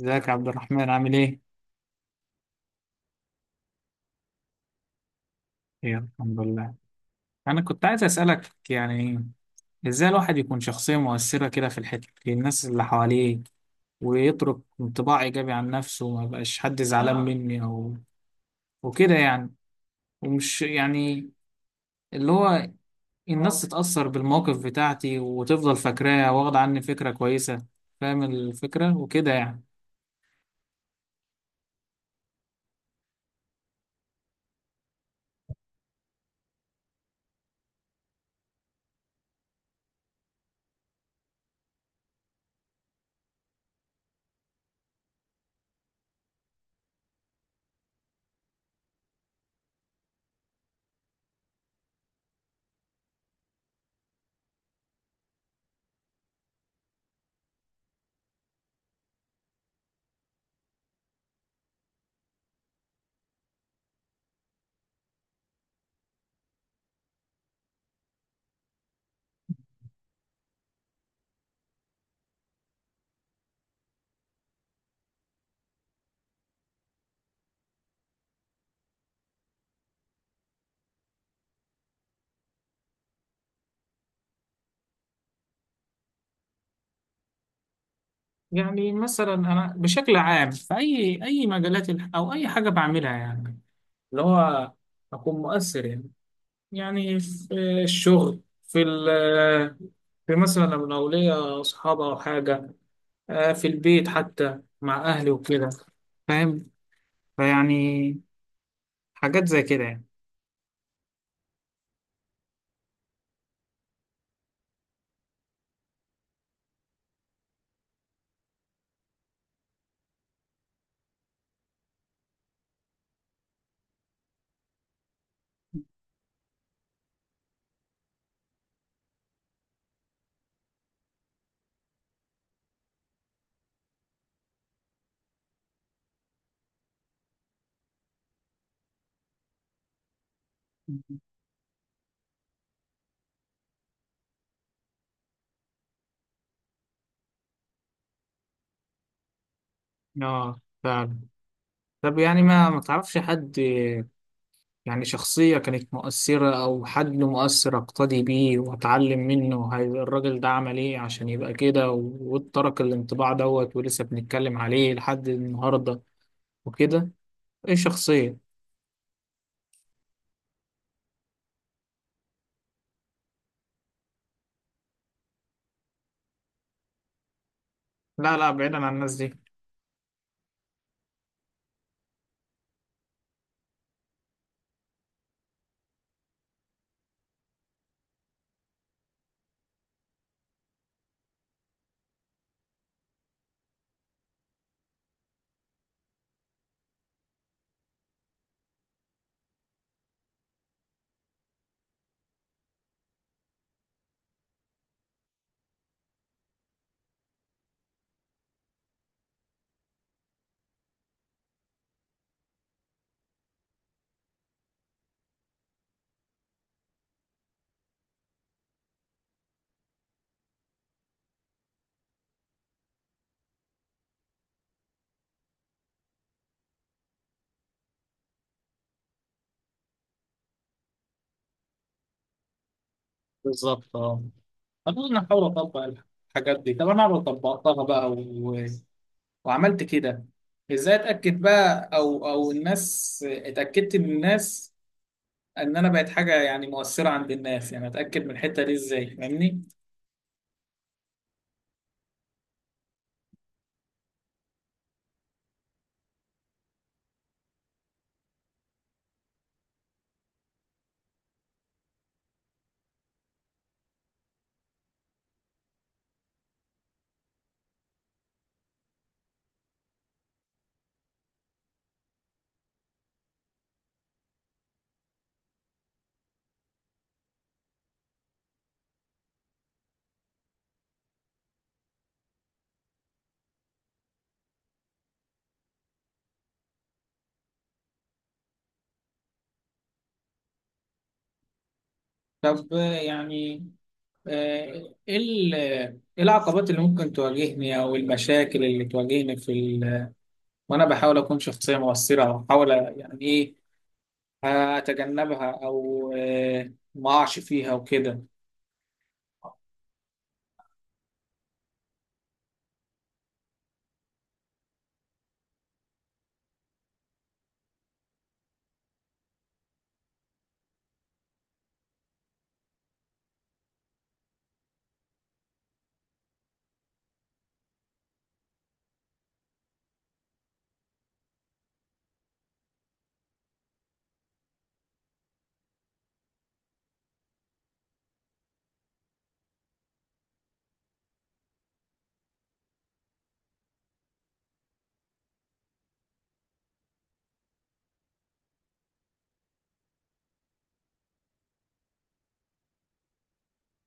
ازيك يا عبد الرحمن، عامل ايه؟ ايه، الحمد لله. انا كنت عايز اسالك يعني ازاي الواحد يكون شخصيه مؤثره كده في الحته، في الناس اللي حواليه، ويترك انطباع ايجابي عن نفسه، وما يبقاش حد زعلان مني او وكده يعني. ومش يعني اللي هو الناس تتاثر بالموقف بتاعتي وتفضل فاكراه، واخد عني فكره كويسه، فاهم الفكره وكده يعني. يعني مثلا انا بشكل عام في اي مجالات او اي حاجه بعملها يعني، اللي هو أكون مؤثر يعني. يعني في الشغل، في مثلا لما لو الأولية أصحاب أو حاجة، في البيت حتى مع أهلي وكده. فاهم، فيعني حاجات زي كده يعني. اه فعلا. طب يعني ما تعرفش حد يعني شخصية كانت مؤثرة أو حد مؤثر أقتدي بيه وأتعلم منه؟ هاي الراجل ده عمل إيه عشان يبقى كده، وترك الانطباع دوت ولسه بنتكلم عليه لحد النهاردة وكده؟ إيه شخصية؟ لا لا، بعيدا عن الناس دي. بالظبط اه. انا احاول اطبق الحاجات دي. طب انا لو طبقتها بقى وعملت كده، ازاي اتاكد بقى، او الناس اتاكدت من الناس ان انا بقت حاجه يعني مؤثره عند الناس؟ يعني اتاكد من الحته دي ازاي؟ فاهمني؟ طب يعني إيه العقبات اللي ممكن تواجهني او المشاكل اللي تواجهني في وانا بحاول اكون شخصيه مؤثره، او احاول يعني ايه هتجنبها او ما اقعش فيها وكده؟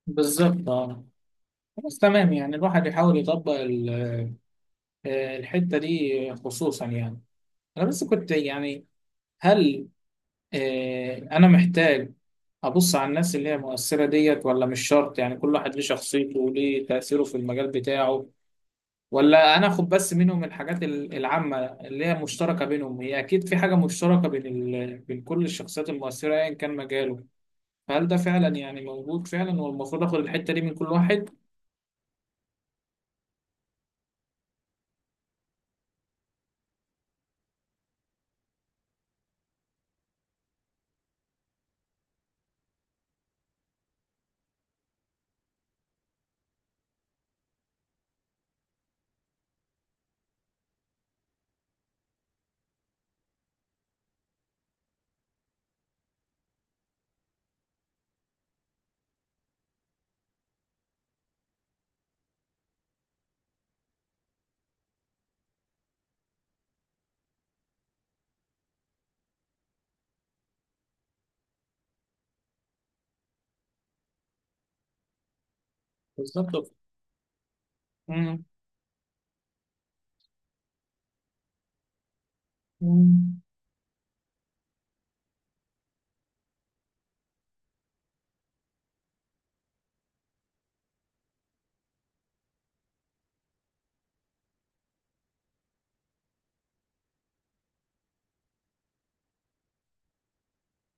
بالظبط اه. خلاص تمام. يعني الواحد يحاول يطبق الحتة دي خصوصا، يعني انا بس كنت يعني، هل انا محتاج ابص على الناس اللي هي مؤثرة ديت، ولا مش شرط؟ يعني كل واحد ليه شخصيته وليه تأثيره في المجال بتاعه، ولا انا اخد بس منهم الحاجات العامة اللي هي مشتركة بينهم؟ هي اكيد في حاجة مشتركة بين بين كل الشخصيات المؤثرة ايا كان مجاله. فهل ده فعلا يعني موجود فعلا، والمفروض اخد الحتة دي من كل واحد؟ بالظبط. مم. مم.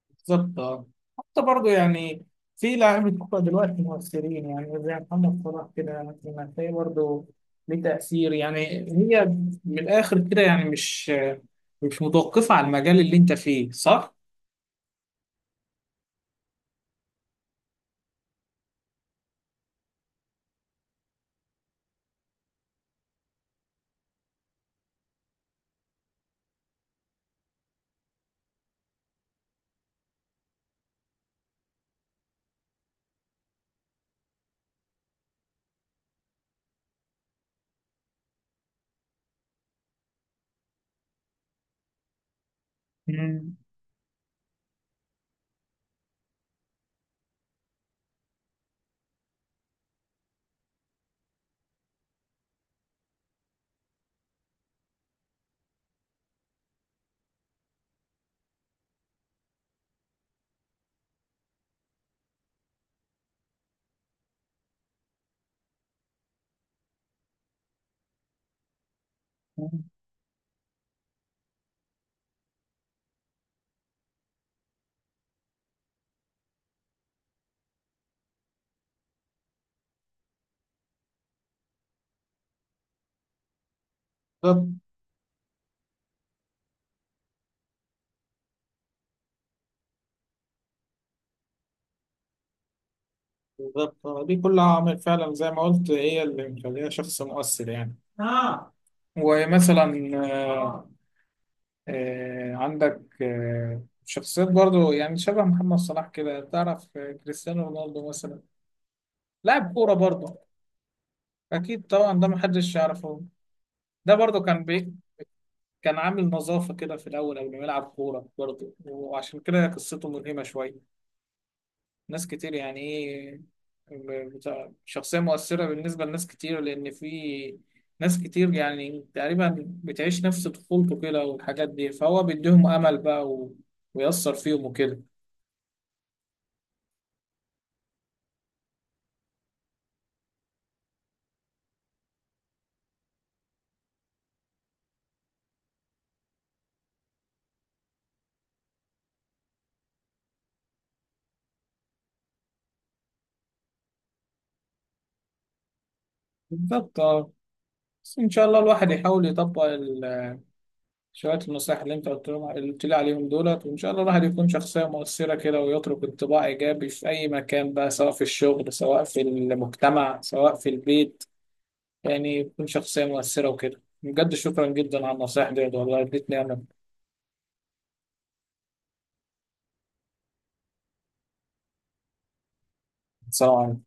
بالظبط آه. حتى برضه يعني في لاعيبة كورة دلوقتي مؤثرين، يعني زي محمد صلاح كده مثلا هتلاقيه برضه ليه تأثير يعني. هي، من الآخر كده يعني، مش متوقفة على المجال اللي أنت فيه، صح؟ مم. مم. بالظبط. بالظبط دي كلها عوامل فعلا زي ما قلت هي اللي مخليها شخص مؤثر يعني. آه. ومثلا آه، عندك شخصيات برضو، يعني شبه محمد صلاح كده. تعرف كريستيانو رونالدو مثلا؟ لاعب كورة برضو. أكيد طبعا، ده محدش يعرفه. ده برضو كان كان عامل نظافة كده في الأول قبل ما يلعب كورة برضو، وعشان كده قصته ملهمة شوية. ناس كتير يعني إيه، شخصية مؤثرة بالنسبة لناس كتير، لأن في ناس كتير يعني تقريبا بتعيش نفس طفولته كده والحاجات دي، فهو بيديهم أمل بقى ويأثر فيهم وكده. بالظبط اه. بس ان شاء الله الواحد يحاول يطبق شويه النصائح اللي انت قلت لهم، اللي قلت لي عليهم دولت، وان شاء الله الواحد يكون شخصيه مؤثره كده ويترك انطباع ايجابي في اي مكان بقى، سواء في الشغل، سواء في المجتمع، سواء في البيت. يعني يكون شخصيه مؤثره وكده. بجد شكرا جدا على النصائح ديت، والله اديتني انا سواء